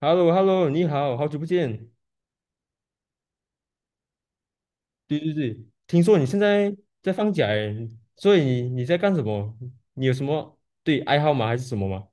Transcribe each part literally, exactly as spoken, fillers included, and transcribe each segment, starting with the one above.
h e l l o h e l l o 你好，好久不见。对对对，听说你现在在放假诶，所以你你在干什么？你有什么对爱好吗？还是什么吗？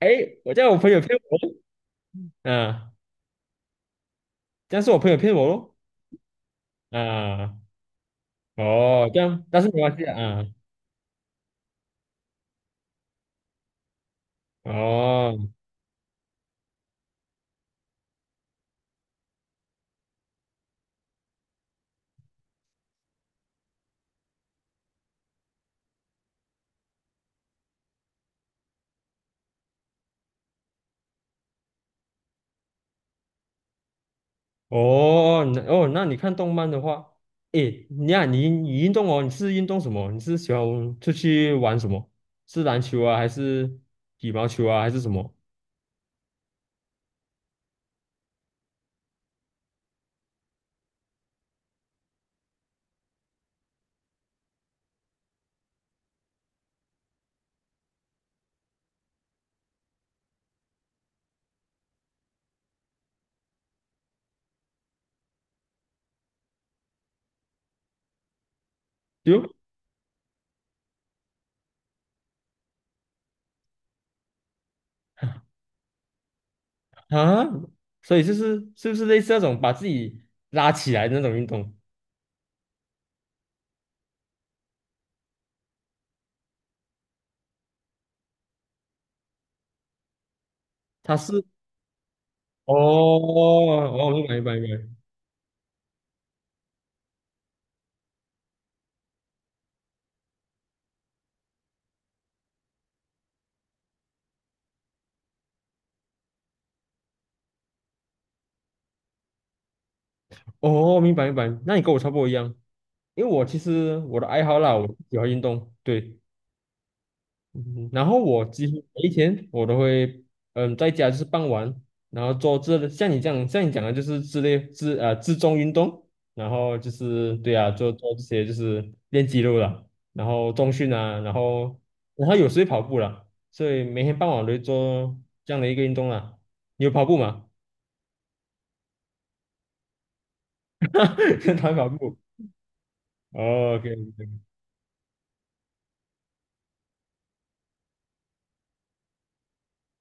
哎，我叫我朋友骗我啊，这样是我朋友骗我咯，啊，哦，这样，但是没关系啊，啊哦，哦，那哦，那你看动漫的话，诶，你啊，你你运动哦，你是运动什么？你是喜欢出去玩什么？是篮球啊，还是羽毛球啊，还是什么？对哦啊，所以就是是不是类似那种把自己拉起来的那种运动？它是哦哦，明白明白明白，哦明白明白，那你跟我差不多一样，因为我其实我的爱好啦，我喜欢运动，对，嗯然后我几乎每一天我都会，嗯，在家就是傍晚，然后做这像你这样像你讲的，就是之类自呃自重运动，然后就是对啊，做做这些就是练肌肉了，然后重训啊，然后然后有时会跑步了，所以每天傍晚我都会做这样的一个运动啦。你有跑步吗？他跑步。哦，OK，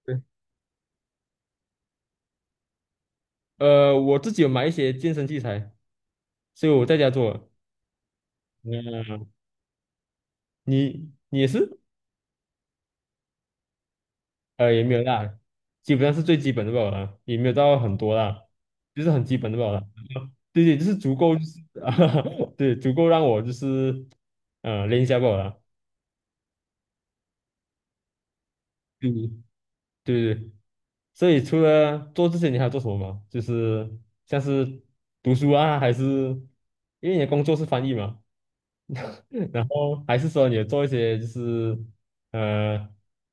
对，呃，我自己有买一些健身器材，所以我在家做。嗯，你你也是？呃，也没有啦，基本上是最基本的吧啦，也没有到很多啦，就是很基本的吧啦。对对，就是足够，就是啊 对，足够让我就是呃练一下吧啦。嗯对对对，所以除了做这些，你还要做什么吗？就是像是读书啊，还是因为你的工作是翻译嘛，然后还是说你有做一些就是呃，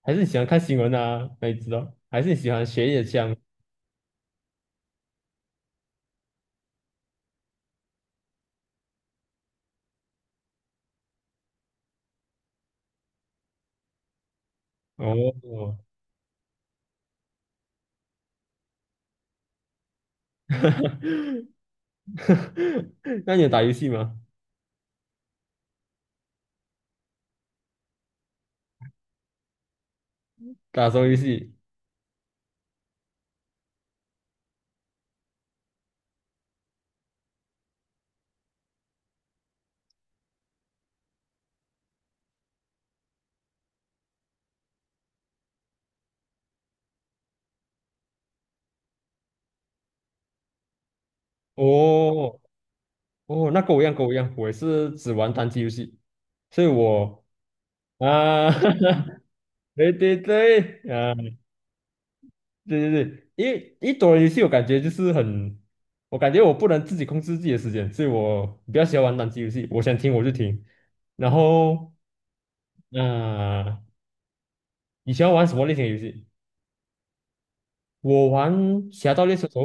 还是你喜欢看新闻啊，那你知道，还是你喜欢学一点像哦，那你有打游戏吗？打手游戏，哦哦，那跟我一样，跟我一样，我也是只玩单机游戏，所以我啊，对对对，啊，对对对，因为一多人游戏，我感觉就是很，我感觉我不能自己控制自己的时间，所以我比较喜欢玩单机游戏，我想听我就听，然后啊，你喜欢玩什么类型的游戏？我玩《侠盗猎车手》，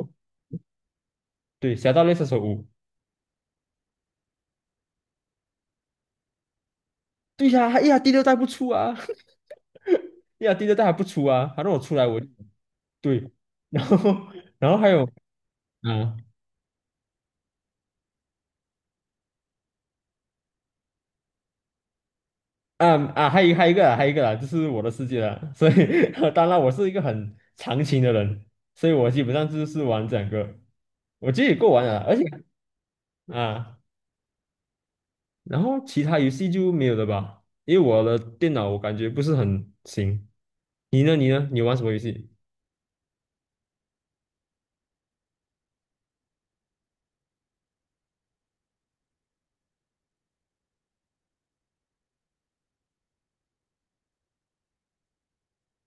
对，《侠盗猎车手五》，对呀、哎呀，第六代不出啊，哎呀，第六代还不出啊，反正我出来我。对，然后 然后还有啊啊啊，还有还有一个啊还有一个啊，就是我的世界啊，所以 当然我是一个很长情的人，所以我基本上就是玩这两个，我觉得也够玩了，而且啊，然后其他游戏就没有了吧，因为我的电脑我感觉不是很行。你呢？你呢？你玩什么游戏？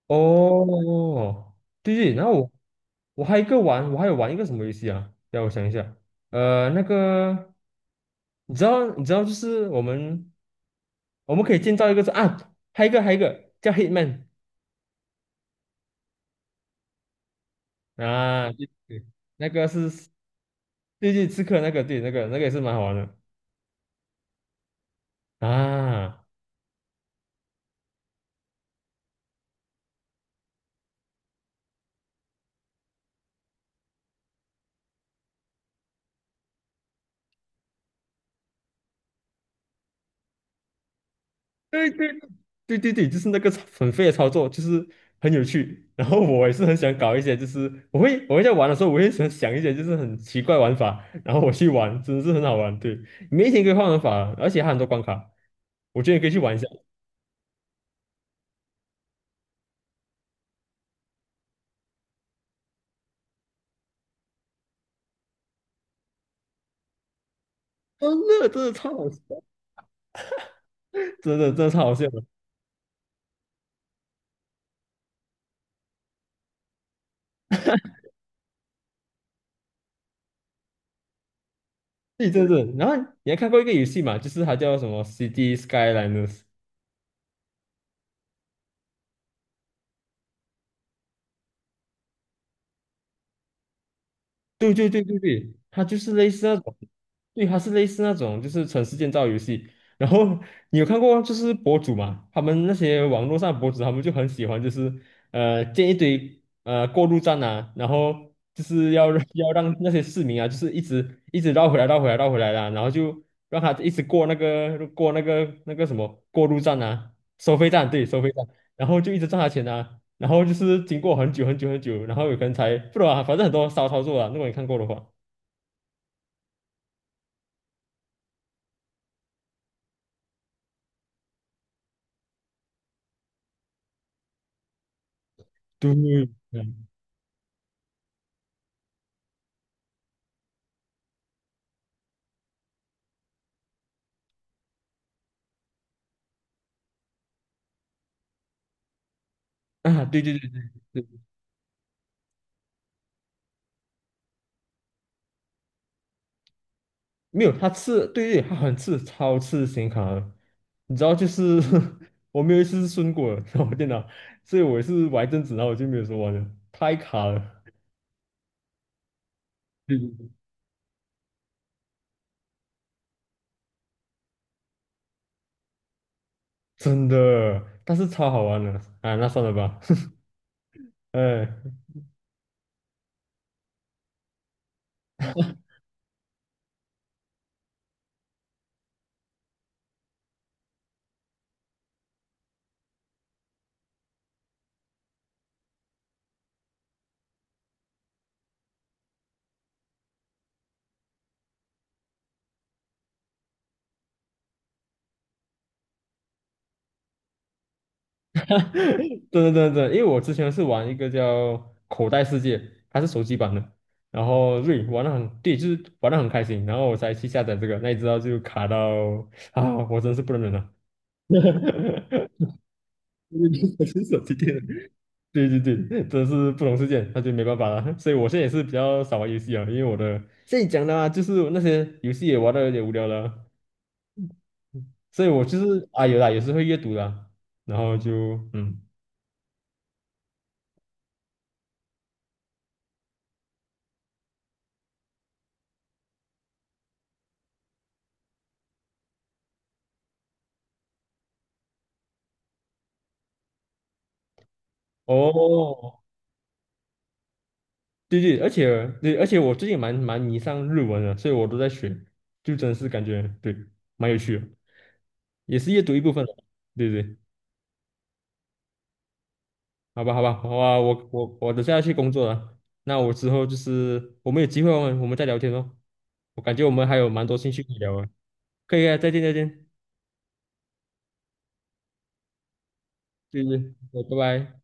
哦，对对，然后我我还有一个玩，我还有玩一个什么游戏啊？让我想一下，呃，那个。你知道，你知道，就是我们我们可以建造一个是啊，还有一个还有一个叫 Hitman 啊，对对，那个是对对刺客那个，对那个那个也是蛮好玩的啊，对对对对对，就是那个很废的操作，就是很有趣。然后我也是很想搞一些，就是我会我会在玩的时候，我会想想一些就是很奇怪玩法，然后我去玩，真的是很好玩。对，每一天可以换玩法，而且还有很多关卡，我觉得你可以去玩一下。真的真的超好笑，真的真的超好笑。对对对，然后你还看过一个游戏嘛，就是它叫什么《City Skylines r》。对对对对对，它就是类似那种，对，它是类似那种就是城市建造游戏。然后你有看过就是博主嘛，他们那些网络上的博主，他们就很喜欢就是呃建一堆呃过路站啊，然后就是要让要让那些市民啊，就是一直一直绕回来绕回来绕回来的，然后就让他一直过那个过那个那个什么过路站啊，收费站，对，收费站。然后就一直赚他钱啊。然后就是经过很久很久很久，然后有可能才不知道啊，反正很多骚操作啊。如果你看过的话，对，嗯啊，对对对对对，没有，他刺，对对，他很刺，超刺显卡的。你知道，就是 我没有一次是顺过的，然后我电脑，所以我也是玩一阵子，然后我就没有说玩了，太卡了，对对对真的，但是超好玩的啊，那算了吧，哎。对对对对，因为我之前是玩一个叫《口袋世界》，它是手机版的，然后对玩的很，对，就是玩的很开心，然后我才去下载这个，那你知道就卡到啊，我真是不能忍了。我是手机店对对对，真是不同世界，那就没办法了。所以我现在也是比较少玩游戏啊，因为我的现在讲的啊，就是那些游戏也玩的有点无聊了，所以我就是啊有啦，也是会阅读的啊然后就嗯，哦，对对，而且对，而且我最近蛮蛮迷上日文了，所以我都在学，就真是感觉对，蛮有趣的，也是阅读一部分了对对，好吧好吧，好吧，我我我等下要去工作了，那我之后就是我们有机会我们我们再聊天哦，我感觉我们还有蛮多兴趣可以聊啊，可以啊，再见再见，对对，对拜拜。